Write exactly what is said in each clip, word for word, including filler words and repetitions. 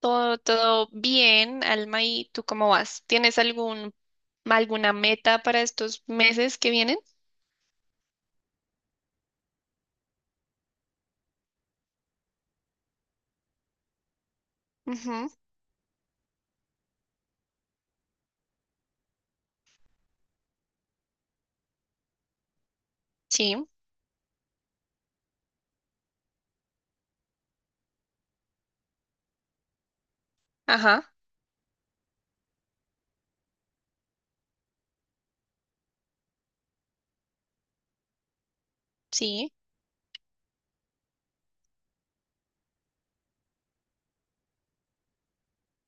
Todo, todo bien, Alma, ¿y tú cómo vas? ¿Tienes algún, alguna meta para estos meses que vienen? Ujú. Sí. Ajá. Sí.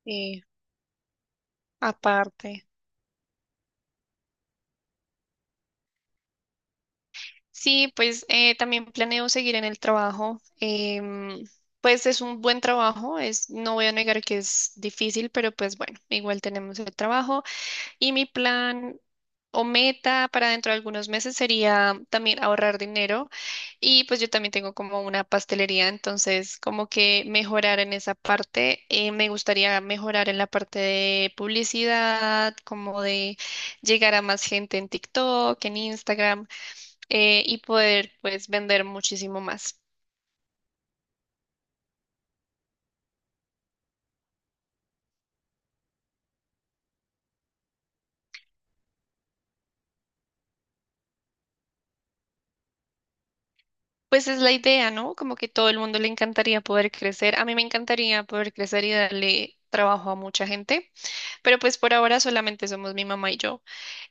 eh, Aparte. Sí, pues eh, también planeo seguir en el trabajo. em, pues es un buen trabajo, es, no voy a negar que es difícil, pero pues bueno, igual tenemos el trabajo. Y mi plan o meta para dentro de algunos meses sería también ahorrar dinero. Y pues yo también tengo como una pastelería, entonces como que mejorar en esa parte. Eh, me gustaría mejorar en la parte de publicidad, como de llegar a más gente en TikTok, en Instagram, eh, y poder pues vender muchísimo más. Pues es la idea, ¿no? Como que todo el mundo le encantaría poder crecer. A mí me encantaría poder crecer y darle trabajo a mucha gente. Pero pues por ahora solamente somos mi mamá y yo.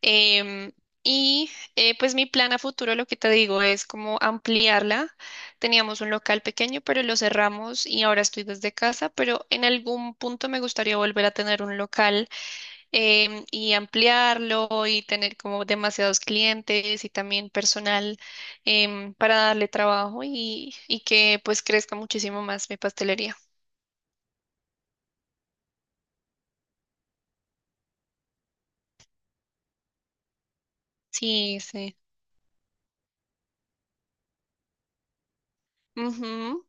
Em, y eh, pues mi plan a futuro, lo que te digo, es como ampliarla. Teníamos un local pequeño, pero lo cerramos y ahora estoy desde casa, pero en algún punto me gustaría volver a tener un local em, y ampliarlo y tener como demasiados clientes y también personal em, para darle trabajo y, y que pues crezca muchísimo más mi pastelería. Sí, sí. Ujú.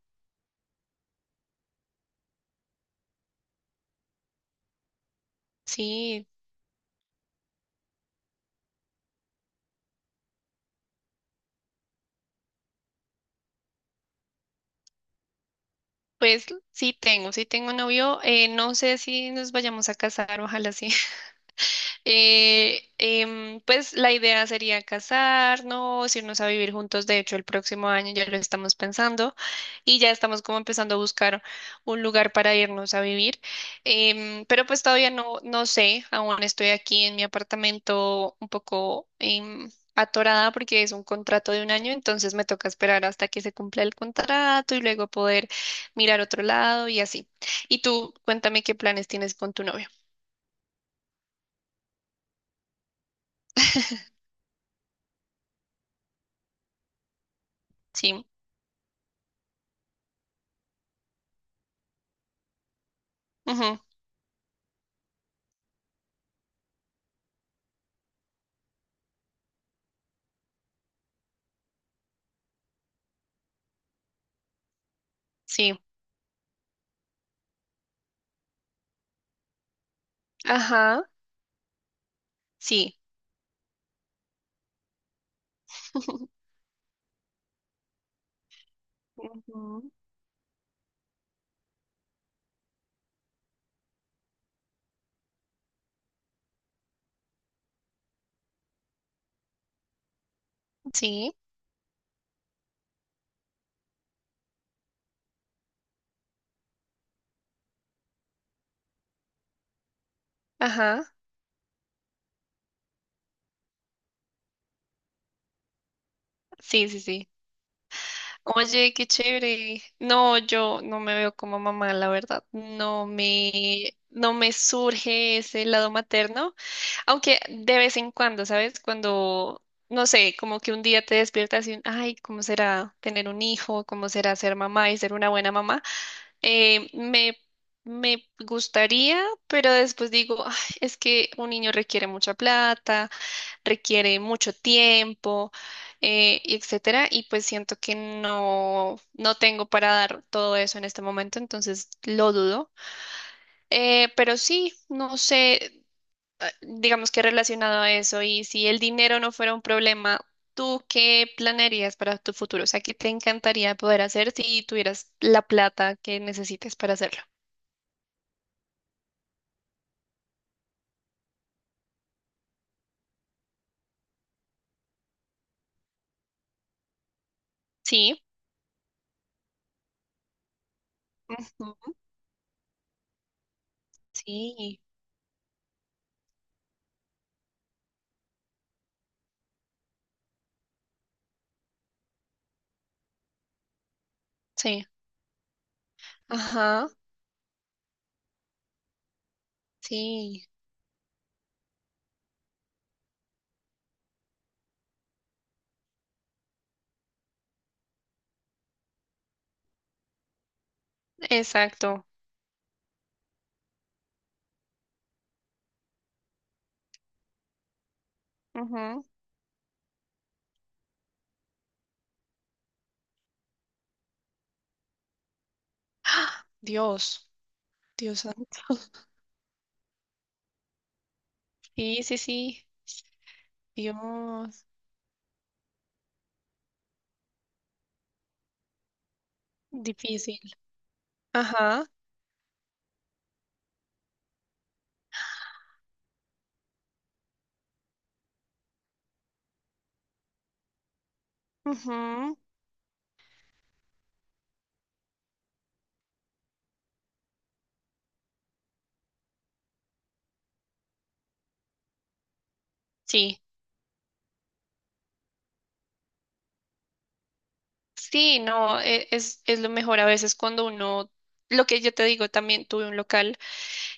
Sí. Pues sí tengo, sí tengo novio. Eh, no sé si nos vayamos a casar, ojalá sí. Eh, em, pues la idea sería casarnos, irnos a vivir juntos. De hecho, el próximo año ya lo estamos pensando y ya estamos como empezando a buscar un lugar para irnos a vivir. Em, pero pues todavía no, no sé, aún estoy aquí en mi apartamento un poco em, atorada porque es un contrato de un año, entonces me toca esperar hasta que se cumpla el contrato y luego poder mirar otro lado y así. Y tú, cuéntame qué planes tienes con tu novio. Sí. Ujú. Sí. Ajá, sí. Ujú. Sí, ajá, sí, sí, sí. Oye, qué chévere. No, yo no me veo como mamá, la verdad. No me, no me surge ese lado materno, aunque de vez en cuando, ¿sabes? Cuando, no sé, como que un día te despiertas y, ay, ¿cómo será tener un hijo? ¿Cómo será ser mamá y ser una buena mamá? Eh, me, me gustaría, pero después digo, "Ay, es que un niño requiere mucha plata, requiere mucho tiempo, eh, y etcétera", y pues siento que no, no tengo para dar todo eso en este momento, entonces lo dudo. Eh, pero sí, no sé, eh, digamos que relacionado a eso, y si el dinero no fuera un problema, ¿tú qué planearías para tu futuro? O sea, ¿qué te encantaría poder hacer si tuvieras la plata que necesites para hacerlo? Sí. Ujú. Sí, sí. Ajá, sí, exacto. ¡Ah, Dios! Dios santo. Sí, sí, sí. Dios, difícil. Ajá. Ujú. Sí, sí, no, e- es, es lo mejor a veces cuando uno, lo que yo te digo, también tuve un local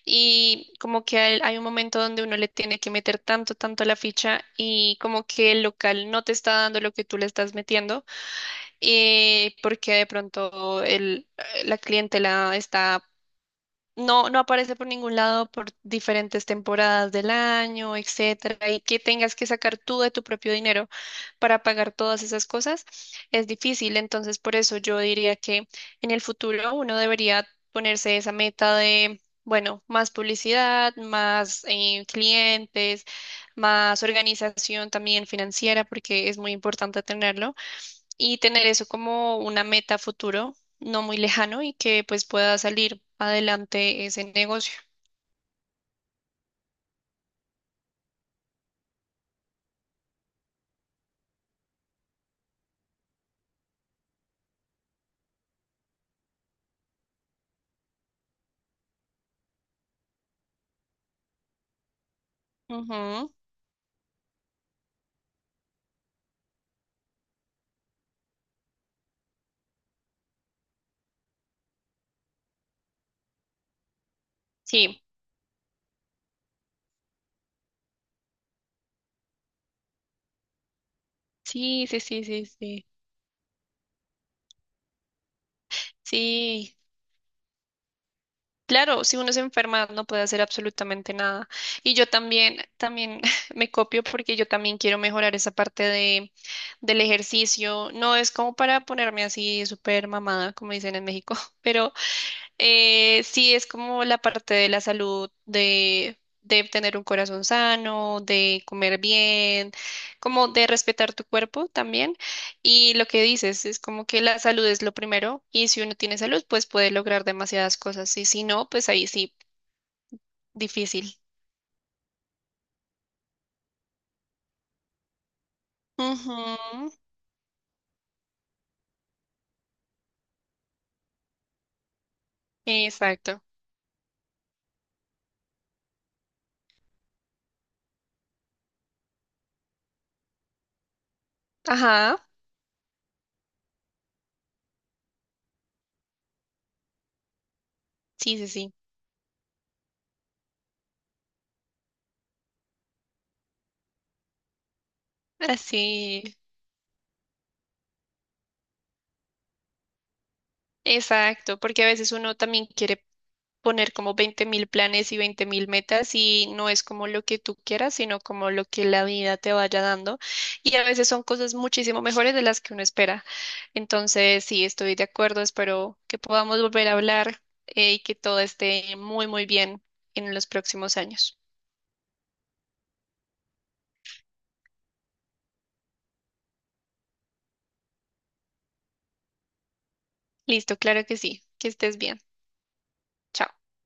y como que hay, hay un momento donde uno le tiene que meter tanto, tanto la ficha y como que el local no te está dando lo que tú le estás metiendo, eh, porque de pronto el, la clientela está no, no aparece por ningún lado por diferentes temporadas del año, etcétera, y que tengas que sacar tú de tu propio dinero para pagar todas esas cosas, es difícil. Entonces, por eso yo diría que en el futuro uno debería ponerse esa meta de, bueno, más publicidad, más eh, clientes, más organización también financiera, porque es muy importante tenerlo y tener eso como una meta futuro, no muy lejano y que pues pueda salir adelante ese negocio. Ujú. Sí, sí, sí, sí, sí, sí. Sí, claro, si uno se enferma no puede hacer absolutamente nada. Y yo también, también me copio porque yo también quiero mejorar esa parte de, del ejercicio. No es como para ponerme así súper mamada, como dicen en México, pero Eh, sí, es como la parte de la salud, de, de tener un corazón sano, de comer bien, como de respetar tu cuerpo también. Y lo que dices es como que la salud es lo primero y si uno tiene salud, pues puede lograr demasiadas cosas y si no, pues ahí sí, difícil. Ujú, Exacto. Ajá, sí, sí, sí. Así. Exacto, porque a veces uno también quiere poner como veinte mil planes y veinte mil metas y no es como lo que tú quieras, sino como lo que la vida te vaya dando. Y a veces son cosas muchísimo mejores de las que uno espera. Entonces, sí, estoy de acuerdo, espero que podamos volver a hablar, eh, y que todo esté muy, muy bien en los próximos años. Listo, claro que sí, que estés bien. Chao.